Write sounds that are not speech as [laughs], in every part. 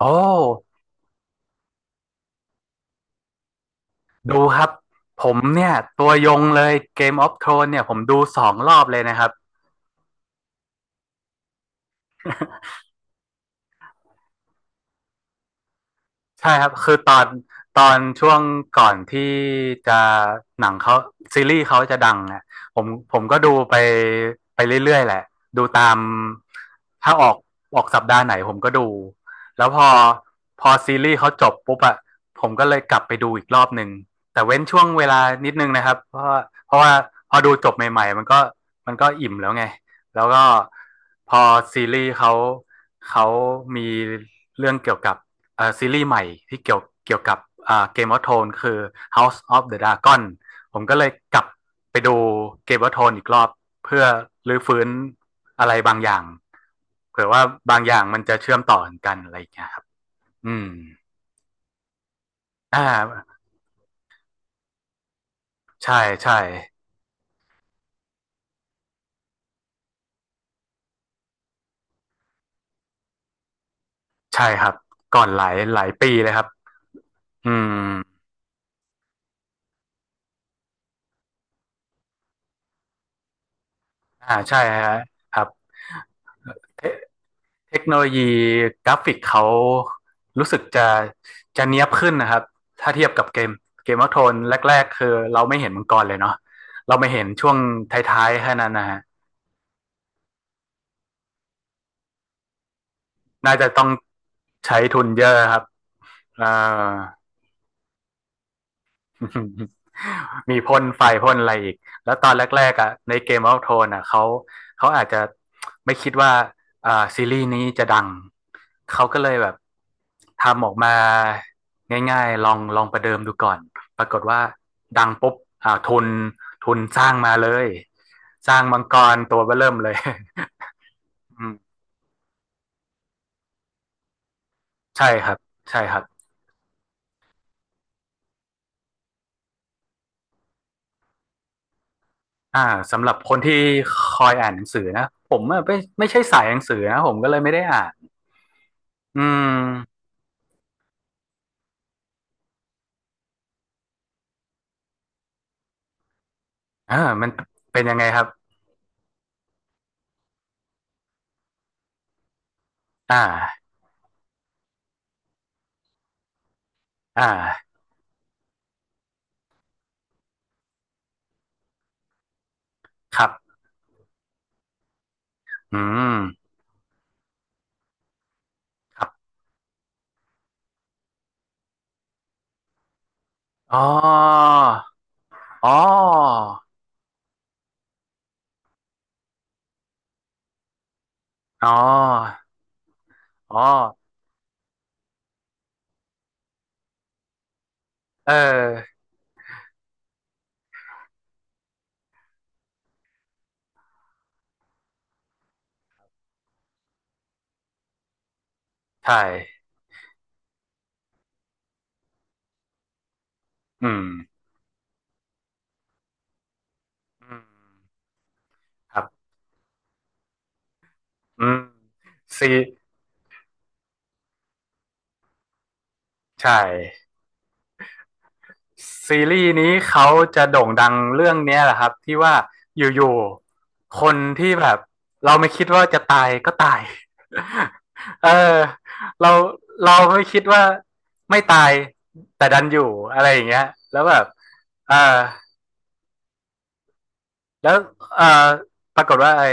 โอ้ดูคครรรััับบบผผมมเเเเนนนีี่่ยยยยยตวยงลลย Game of Thrones เนี่ยผมดู2 รอบเลยนะครับ ใช่ครับคือตอนช่วงก่อนที่จะหนังเขาซีรีส์เขาจะดังอ่ะผมผมก็ดูไปเรื่อยๆแหละดูตามถ้าออกสัปดาห์ไหนผมก็ดูแล้วพอซีรีส์เขาจบปุ๊บอ่ะผมก็เลยกลับไปดูอีกรอบหนึ่งแต่เว้นช่วงเวลานิดนึงนะครับเพราะว่าพอดูจบใหม่ๆมันก็อิ่มแล้วไงแล้วก็พอซีรีส์เขามีเรื่องเกี่ยวกับ ซีรีส์ใหม่ที่เกี่ยวกับGame of Thrones คือ House of the Dragon ผมก็เลยกลับไปดู Game of Thrones อีกรอบเพื่อรื้อฟื้นอะไรบางอย่างเผื่อว่าบางอย่างมันจะเชื่อมต่อกันอะไรอย่างเงี้ยครับอืมอ่าใช่ใช่ใช่ครับก่อนหลายปีเลยครับอืมอ่าใช่ฮะครับ เทคโนโลยีกราฟิกเขารู้สึกจะเนียบขึ้นนะครับถ้าเทียบกับเกมวอฟโทนแรกๆคือเราไม่เห็นมังกรเลยเนาะเราไม่เห็นช่วงท้ายๆแค่นั้นนะฮะน่าจะต้องใช้ทุนเยอะครับเอ่อ [laughs] มีพ่นไฟพ่นอะไรอีกแล้วตอนแรกๆอ่ะในเกม o อ t โท o อ่ะเขาอาจจะไม่คิดว่าซีรีส์นี้จะดังเขาก็เลยแบบทำออกมาง่ายๆลองลองประเดิมดูก่อนปรากฏว่าดังปุ๊บอ่าทุนทุนสร้างมาเลยสร้างมังกรตัวเบ้อเริ่มเลย [laughs] ใช่ครับใช่ครับอ่าสำหรับคนที่คอยอ่านหนังสือนะผมไม่ใช่สายหนังสือนะผมก็เลยไม่ได้อ่านอืม อ่ามันเป็นยังไงครับ อ่า อ่าครับอืมครับอ๋ออ๋ออ๋ออ๋อเออ ใช่ อืมอืมครับ อืมซีใช่ ซีรีส์นี้เขาจะโด่งดังเรื่องนี้แหละครับที่ว่าอยู่ๆคนที่แบบเราไม่คิดว่าจะตายก็ตาย [laughs] เออเราเราไม่คิดว่าไม่ตายแต่ดันอยู่อะไรอย่างเงี้ยแล้วแบบเออ แล้วเอ่อปรากฏว่าไอ้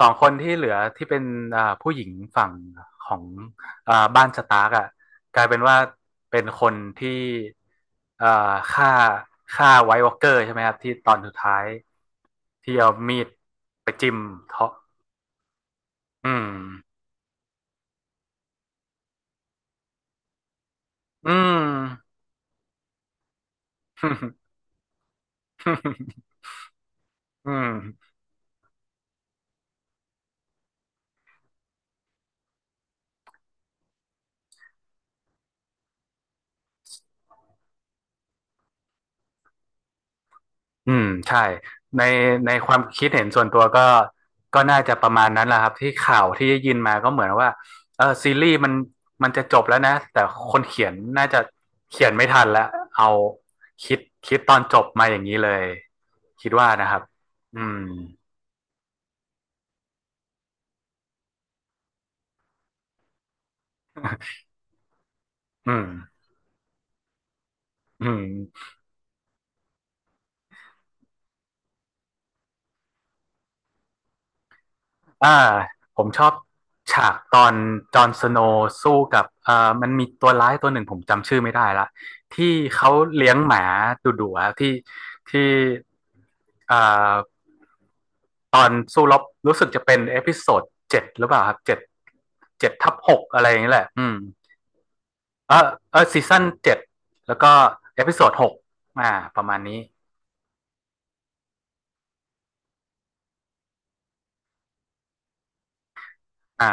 สองคนที่เหลือที่เป็นอ่าผู้หญิงฝั่งของอ่าบ้านสตาร์กอ่ะกลายเป็นว่าเป็นคนที่อ่าฆ่าฆ่าไวท์วอล์กเกอร์ใช่ไหมครับที่ตอนสุดท้ายที่เอามีดไปจิ้มเทาะอืมอืม [laughs] อืม อืมใช่ในในความคิดเห็นส่วนตัวก็น่าจะประมาณนั้นแหละครับที่ข่าวที่ได้ยินมาก็เหมือนว่าเออซีรีส์มันจะจบแล้วนะแต่คนเขียนน่าจะเขียนไม่ทันแล้วเอาคิดคิดตอนจบมาอย่างนี้เลยคิดว่านะครับอืมอืมอืม อ่าผมชอบฉากตอนจอห์นสโนว์สู้กับมันมีตัวร้ายตัวหนึ่งผมจำชื่อไม่ได้ละที่เขาเลี้ยงหมาดุดุอะที่เอ่อตอนสู้รบรู้สึกจะเป็นเอพิโซด 7หรือเปล่าครับเจ็ด7/6อะไรอย่างนี้แหละอืมเออเออซีซั่น 7แล้วก็เอพิโซด 6อ่าประมาณนี้อ่า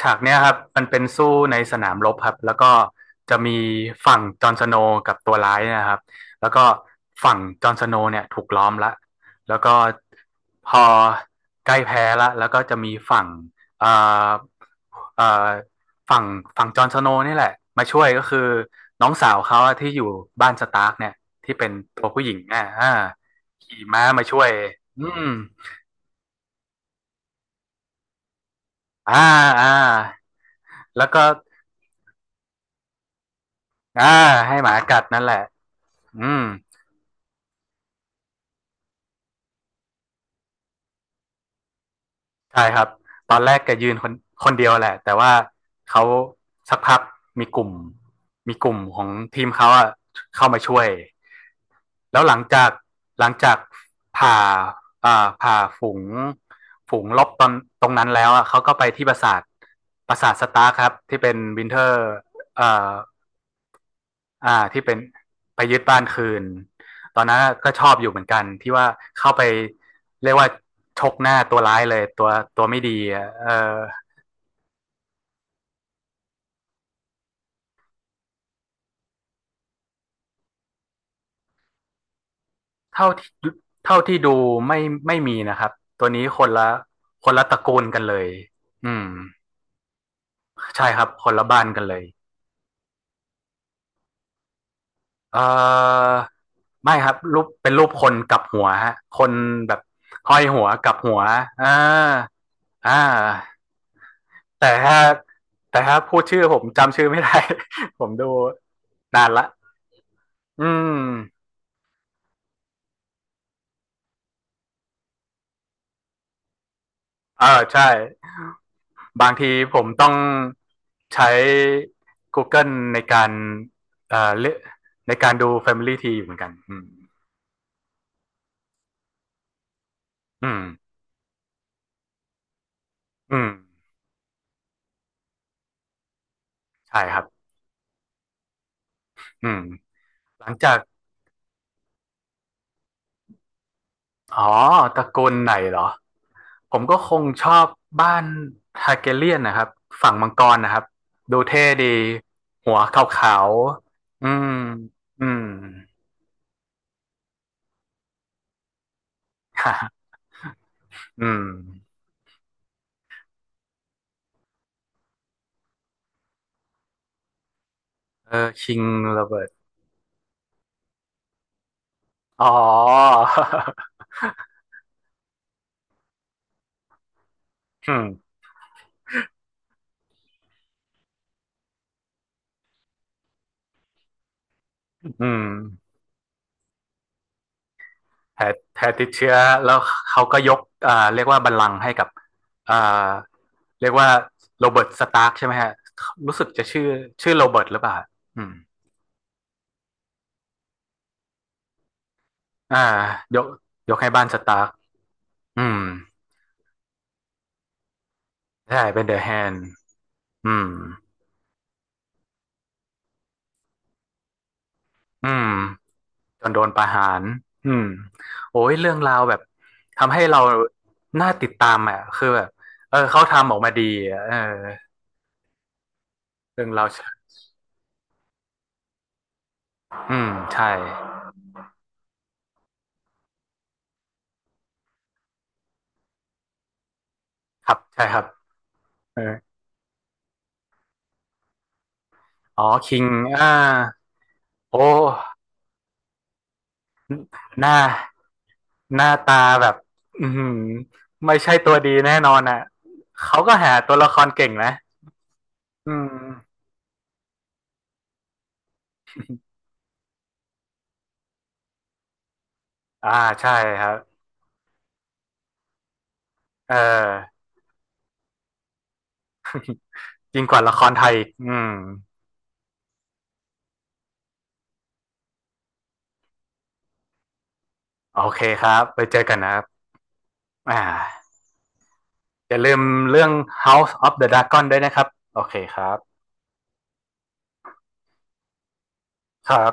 ฉากเนี้ยครับมันเป็นสู้ในสนามรบครับแล้วก็จะมีฝั่งจอห์นสโนว์กับตัวร้ายเนยนะครับแล้วก็ฝั่งจอห์นสโนว์เนี่ยถูกล้อมละแล้วก็พอใกล้แพ้ละแล้วก็จะมีฝั่งเอ่อเอ่อฝั่งฝั่งจอห์นสโนว์นี่แหละมาช่วยก็คือน้องสาวเขาอะที่อยู่บ้านสตาร์กเนี่ยที่เป็นตัวผู้หญิงเนี่ยอ่าขี่ม้ามาช่วยอืมอ่าอ่าแล้วก็อ่าให้หมากัดนั่นแหละ อืมใช่ครับตอนแรกแกยืนคนเดียวแหละแต่ว่าเขาสักพักมีกลุ่มมีกลุ่มของทีมเขาอะเข้ามาช่วยแล้วหลังจากผ่าผ่าฝูงลบตอนตรงนั้นแล้วอะเขาก็ไปที่ปราสาทสตาร์คครับที่เป็นวินเทอร์เอ่อ อ่าที่เป็นไปยึดบ้านคืนตอนนั้นก็ชอบอยู่เหมือนกันที่ว่าเข้าไปเรียกว่าชกหน้าตัวร้ายเลยตัวตัวไม่ดีอะเออเท่าที่เท่าที่ดูไม่ไม่มีนะครับตัวนี้คนละตระกูลกันเลยอืมใช่ครับคนละบ้านกันเลยเออไม่ครับรูปเป็นรูปคนกลับหัวฮะคนแบบห้อยหัวกลับหัวอ่าอ่า แต่ถ้าแต่ถ้าพูดชื่อผมจำชื่อไม่ได้ [laughs] ผมดูนานละอืมเออใช่บางทีผมต้องใช้ Google ในการเอ่อเลือกในการดู Family Tree อยู่เหมือนกันอืมอืมอืมใช่ครับอืมหลังจาก อ๋อตระกูลไหนเหรอผมก็คงชอบบ้านทาร์แกเรียนนะครับฝั่งมังกรนะครับดูเท่ดีหัวขาวๆอืมอืม [laughs] อืมเออคิงโรเบิร์ตอ๋อ [laughs] อืมอืมแพ้แพ้ติดเชื้อแล้วเขาก็ยกอ่าเรียกว่าบัลลังก์ให้กับอ่าเรียกว่าโรเบิร์ตสตาร์กใช่ไหมฮะรู้สึกจะชื่อชื่อโรเบิร์ตหรือเปล่าอืม อ่ายกยกให้บ้านสตาร์กอืมใช่เป็นเดอะแฮนด์อืมอืมจนโดนประหารอืมโอ้ยเรื่องราวแบบทำให้เราน่าติดตามอ่ะคือแบบเออเขาทำออกมาดีอะเออเรื่องราวอืมใช่ครับใช่ครับเอออ๋อคิงอ่าโอ้หน้าหน้าตาแบบอืมไม่ใช่ตัวดีแน่นอนอ่ะเขาก็หาตัวละครเก่งนะอืมอ่าใช่ครับ เออยิ่งกว่าละครไทยอีกอืมโอเคครับไปเจอกันนะครับอ่าอย่าลืมเรื่อง House of the Dragon ด้วยนะครับโอเคครับครับ